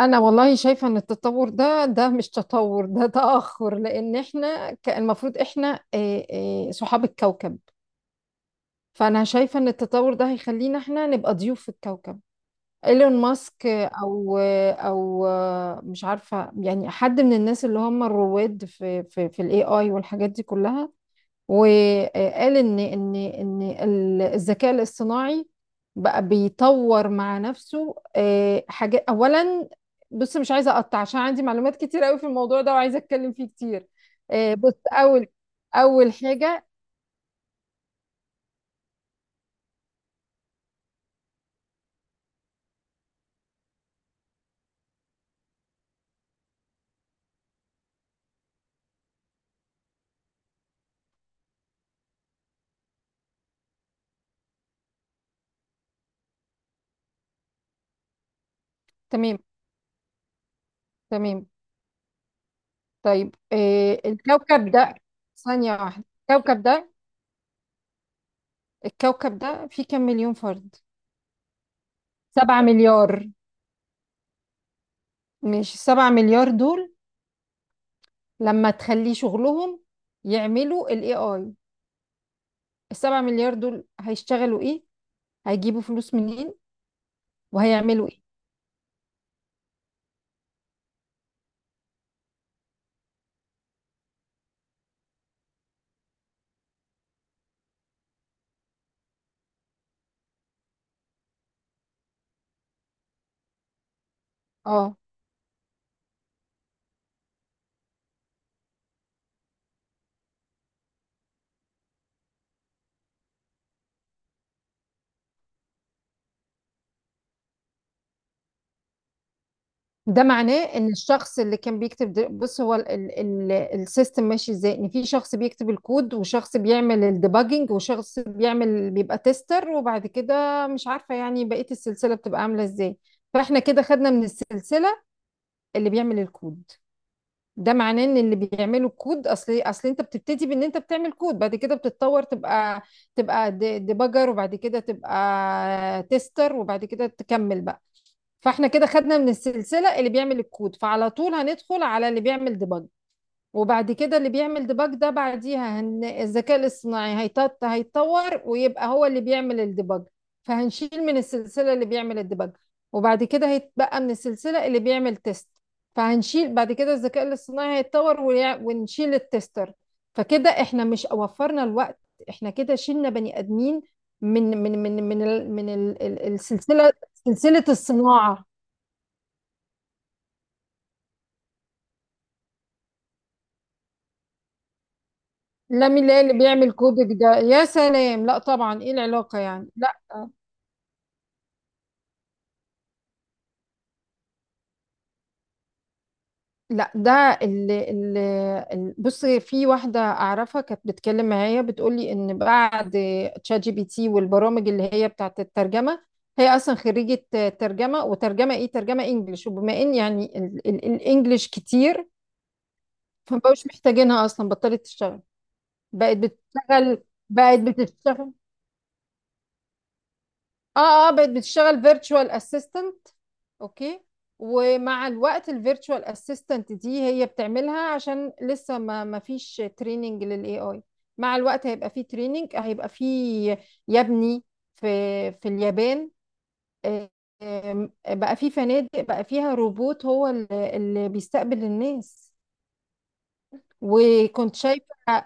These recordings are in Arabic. انا والله شايفه ان التطور ده مش تطور، ده تاخر لان احنا المفروض احنا صحاب الكوكب. فانا شايفه ان التطور ده هيخلينا احنا نبقى ضيوف في الكوكب. ايلون ماسك، او مش عارفه يعني حد من الناس اللي هم الرواد في الاي اي والحاجات دي كلها، وقال ان الذكاء الاصطناعي بقى بيطور مع نفسه حاجات. اولا بص، مش عايزه اقطع عشان عندي معلومات كتير قوي في الموضوع ده وعايزه اتكلم فيه كتير. بص. اول حاجه. تمام. تمام. طيب الكوكب ده، ثانيه واحده. الكوكب ده، الكوكب ده فيه كام مليون فرد؟ سبعة مليار. مش سبعة مليار دول لما تخليه شغلهم يعملوا ال AI، السبعة مليار دول هيشتغلوا ايه؟ هيجيبوا فلوس منين؟ وهيعملوا ايه؟ اه، ده معناه ان الشخص اللي كان بيكتب بص، هو السيستم ماشي ازاي، ان في شخص بيكتب الكود وشخص بيعمل الديباجنج وشخص بيعمل، بيبقى تيستر، وبعد كده مش عارفة يعني بقية السلسلة بتبقى عاملة ازاي. فاحنا كده خدنا من السلسلة اللي بيعمل الكود. ده معناه ان اللي بيعملوا كود، اصل انت بتبتدي بان انت بتعمل كود، بعد كده بتتطور تبقى ديباجر، وبعد كده تبقى تيستر، وبعد كده تكمل بقى. فاحنا كده خدنا من السلسلة اللي بيعمل الكود، فعلى طول هندخل على اللي بيعمل ديباج. وبعد كده اللي بيعمل ديباج ده بعديها الذكاء الاصطناعي هيتطور ويبقى هو اللي بيعمل الديباج. فهنشيل من السلسلة اللي بيعمل الديباج. وبعد كده هيتبقى من السلسلة اللي بيعمل تيست، فهنشيل. بعد كده الذكاء الاصطناعي هيتطور، ونشيل التستر. فكده احنا مش وفرنا الوقت، احنا كده شلنا بني ادمين من السلسلة، سلسلة الصناعة. لا، مين اللي بيعمل كودك ده يا سلام، لا طبعا، ايه العلاقة يعني؟ لا، لا، ده اللي بص، في واحدة أعرفها كانت بتتكلم معايا بتقولي إن بعد تشات جي بي تي والبرامج اللي هي بتاعت الترجمة، هي أصلا خريجة ترجمة. وترجمة إيه؟ ترجمة إنجليش. وبما إن يعني الإنجليش كتير، فمبقوش محتاجينها، أصلا بطلت تشتغل. بقت بتشتغل، بقت بتشتغل، اه، اه، بقت بتشتغل فيرتشوال اسيستنت. اوكي. ومع الوقت الفيرتشوال اسيستنت دي هي بتعملها عشان لسه ما فيش تريننج للاي اي. مع الوقت هيبقى فيه تريننج، هيبقى فيه. يبني، في في اليابان آه، آم، بقى فيه فنادق، بقى فيها روبوت هو اللي بيستقبل الناس. وكنت شايفة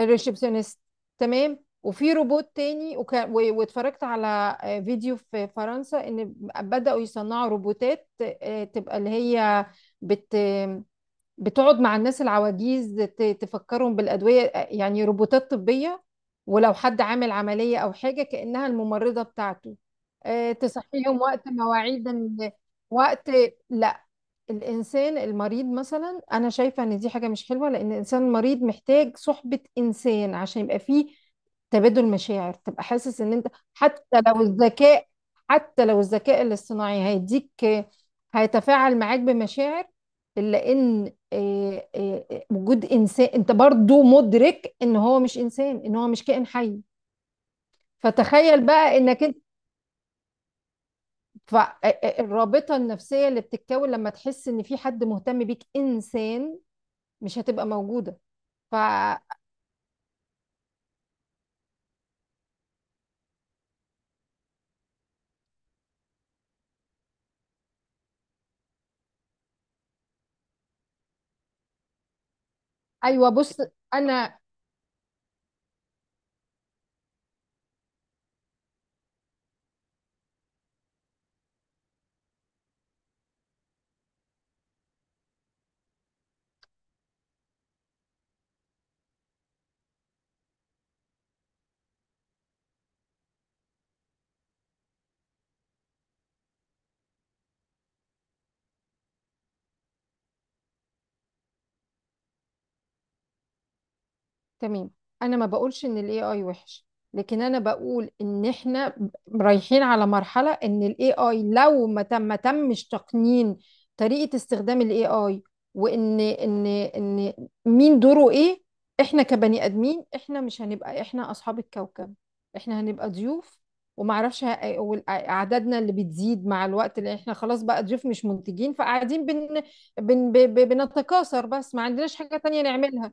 الريسبشنست. تمام. وفي روبوت تاني، واتفرجت على فيديو في فرنسا ان بدأوا يصنعوا روبوتات تبقى اللي هي بت بتقعد مع الناس العواجيز، تفكرهم بالأدوية. يعني روبوتات طبية، ولو حد عامل عملية أو حاجة كأنها الممرضة بتاعته. تصحيهم وقت مواعيد وقت. لا، الإنسان المريض مثلا، أنا شايفة إن دي حاجة مش حلوة، لأن الإنسان المريض محتاج صحبة إنسان عشان يبقى فيه تبادل مشاعر، تبقى حاسس إن أنت. حتى لو الذكاء حتى لو الذكاء الاصطناعي هيديك، هيتفاعل معاك بمشاعر، إلا إن وجود إنسان، أنت برضو مدرك إن هو مش إنسان، إن هو مش كائن حي. فتخيل بقى إنك أنت، فالرابطة النفسية اللي بتتكون لما تحس إن في حد مهتم بيك إنسان، مش هتبقى موجودة. فأيوة، بص أنا تمام. انا ما بقولش ان الاي اي وحش، لكن انا بقول ان احنا رايحين على مرحله ان الاي اي لو ما تمش تقنين طريقه استخدام الاي اي، وان ان ان مين دوره ايه، احنا كبني ادمين احنا مش هنبقى احنا اصحاب الكوكب، احنا هنبقى ضيوف. ومعرفش اعدادنا اللي بتزيد مع الوقت، اللي احنا خلاص بقى ضيوف مش منتجين، فقاعدين بنتكاثر بس ما عندناش حاجه تانية نعملها.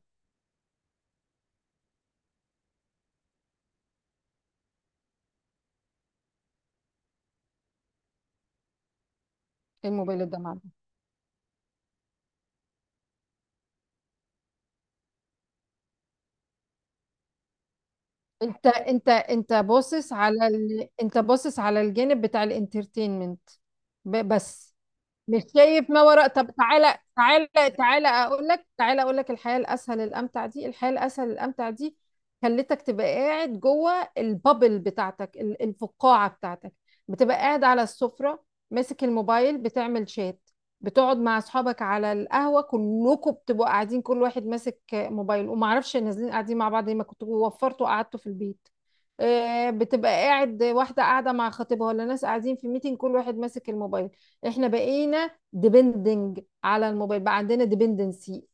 الموبايل ده، انت باصص على ال... انت باصص على الجانب بتاع الانترتينمنت بس، مش شايف ما وراء. طب تعالى، تعالى، تعالى اقول لك الحياه الاسهل الامتع دي خلتك تبقى قاعد جوه البابل بتاعتك، الفقاعه بتاعتك، بتبقى قاعد على السفره ماسك الموبايل بتعمل شات، بتقعد مع اصحابك على القهوه كلكم بتبقوا قاعدين كل واحد ماسك موبايل وما اعرفش، نازلين قاعدين مع بعض ليه، ما كنتوا وفرتوا قعدتوا في البيت. بتبقى قاعد، واحده قاعده مع خطيبها، ولا ناس قاعدين في ميتنج كل واحد ماسك الموبايل. احنا بقينا ديبندنج على الموبايل، بقى عندنا ديبندنسي،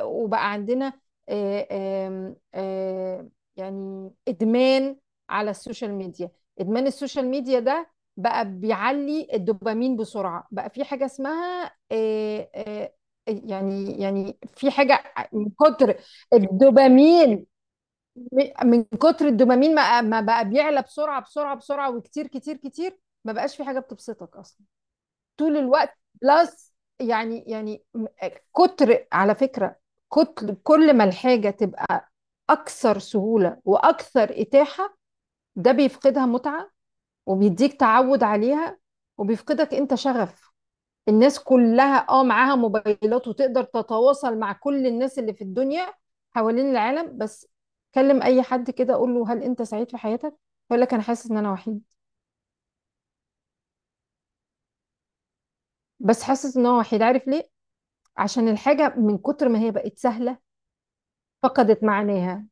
وبقى عندنا آه، آم، آه، يعني ادمان على السوشيال ميديا. ادمان السوشيال ميديا ده بقى بيعلي الدوبامين بسرعة، بقى في حاجة اسمها يعني، في حاجة. من كتر الدوبامين من كتر الدوبامين ما بقى بيعلى بسرعة بسرعة بسرعة وكتير كتير كتير، ما بقاش في حاجة بتبسطك أصلا. طول الوقت بلس، يعني يعني م- كتر على فكرة. كتر، كل ما الحاجة تبقى أكثر سهولة وأكثر إتاحة، ده بيفقدها متعة وبيديك تعود عليها وبيفقدك أنت شغف. الناس كلها اه معاها موبايلات وتقدر تتواصل مع كل الناس اللي في الدنيا حوالين العالم، بس كلم أي حد كده قول له هل أنت سعيد في حياتك؟ يقول لك أنا حاسس إن أنا وحيد. بس حاسس إن هو وحيد، عارف ليه؟ عشان الحاجة من كتر ما هي بقت سهلة فقدت معناها.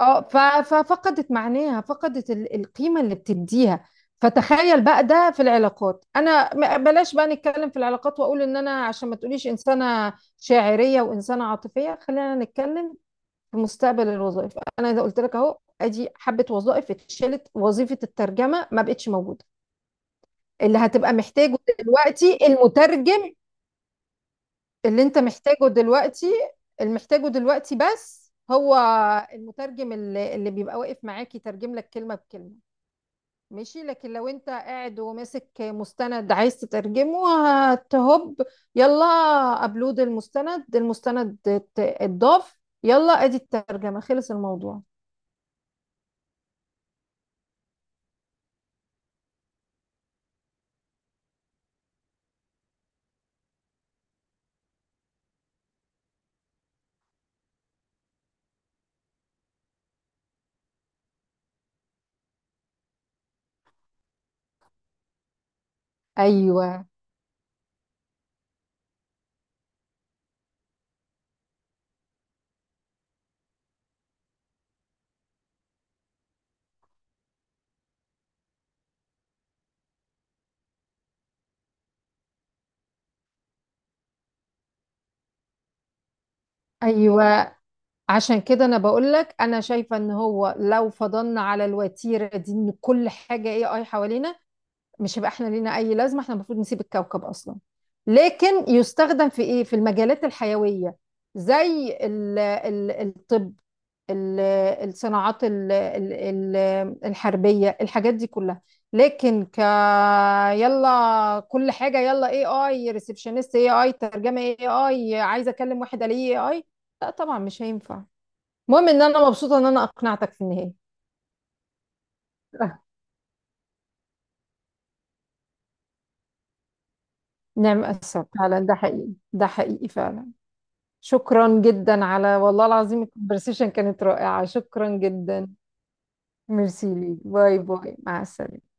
اه، ففقدت معناها، فقدت القيمة اللي بتديها. فتخيل بقى ده في العلاقات. انا بلاش بقى نتكلم في العلاقات واقول ان انا، عشان ما تقوليش انسانة شاعرية وانسانة عاطفية، خلينا نتكلم في مستقبل الوظائف. انا اذا قلت لك اهو ادي حبة وظائف اتشالت، وظيفة الترجمة ما بقتش موجودة. اللي هتبقى محتاجه دلوقتي المترجم، اللي انت محتاجه دلوقتي، اللي محتاجه دلوقتي بس، هو المترجم اللي بيبقى واقف معاك يترجم لك كلمة بكلمة، ماشي. لكن لو انت قاعد وماسك مستند عايز تترجمه، هتهب، يلا، ابلود المستند، المستند اتضاف، يلا ادي الترجمة، خلص الموضوع. ايوه، ايوه. عشان كده انا بقول لك انا شايفه ان هو لو فضلنا على الوتيره دي ان كل حاجه اي اي حوالينا، مش هيبقى احنا لينا اي لازمه، احنا المفروض نسيب الكوكب اصلا. لكن يستخدم في ايه؟ في المجالات الحيويه زي ال ال الطب، ال- الصناعات الحربيه، الحاجات دي كلها. لكن يلا كل حاجه، يلا اي اي ريسبشنست، اي اي ترجمه، اي اي عايزه اكلم واحد عليه اي اي، لا طبعا مش هينفع. المهم ان انا مبسوطه ان انا اقنعتك في النهايه. نعم، السبب فعلا ده حقيقي، ده حقيقي فعلا. شكرا جدا، على والله العظيم الكونفرسيشن كانت رائعة، شكرا جدا. ميرسي ليك، باي باي، مع السلامة.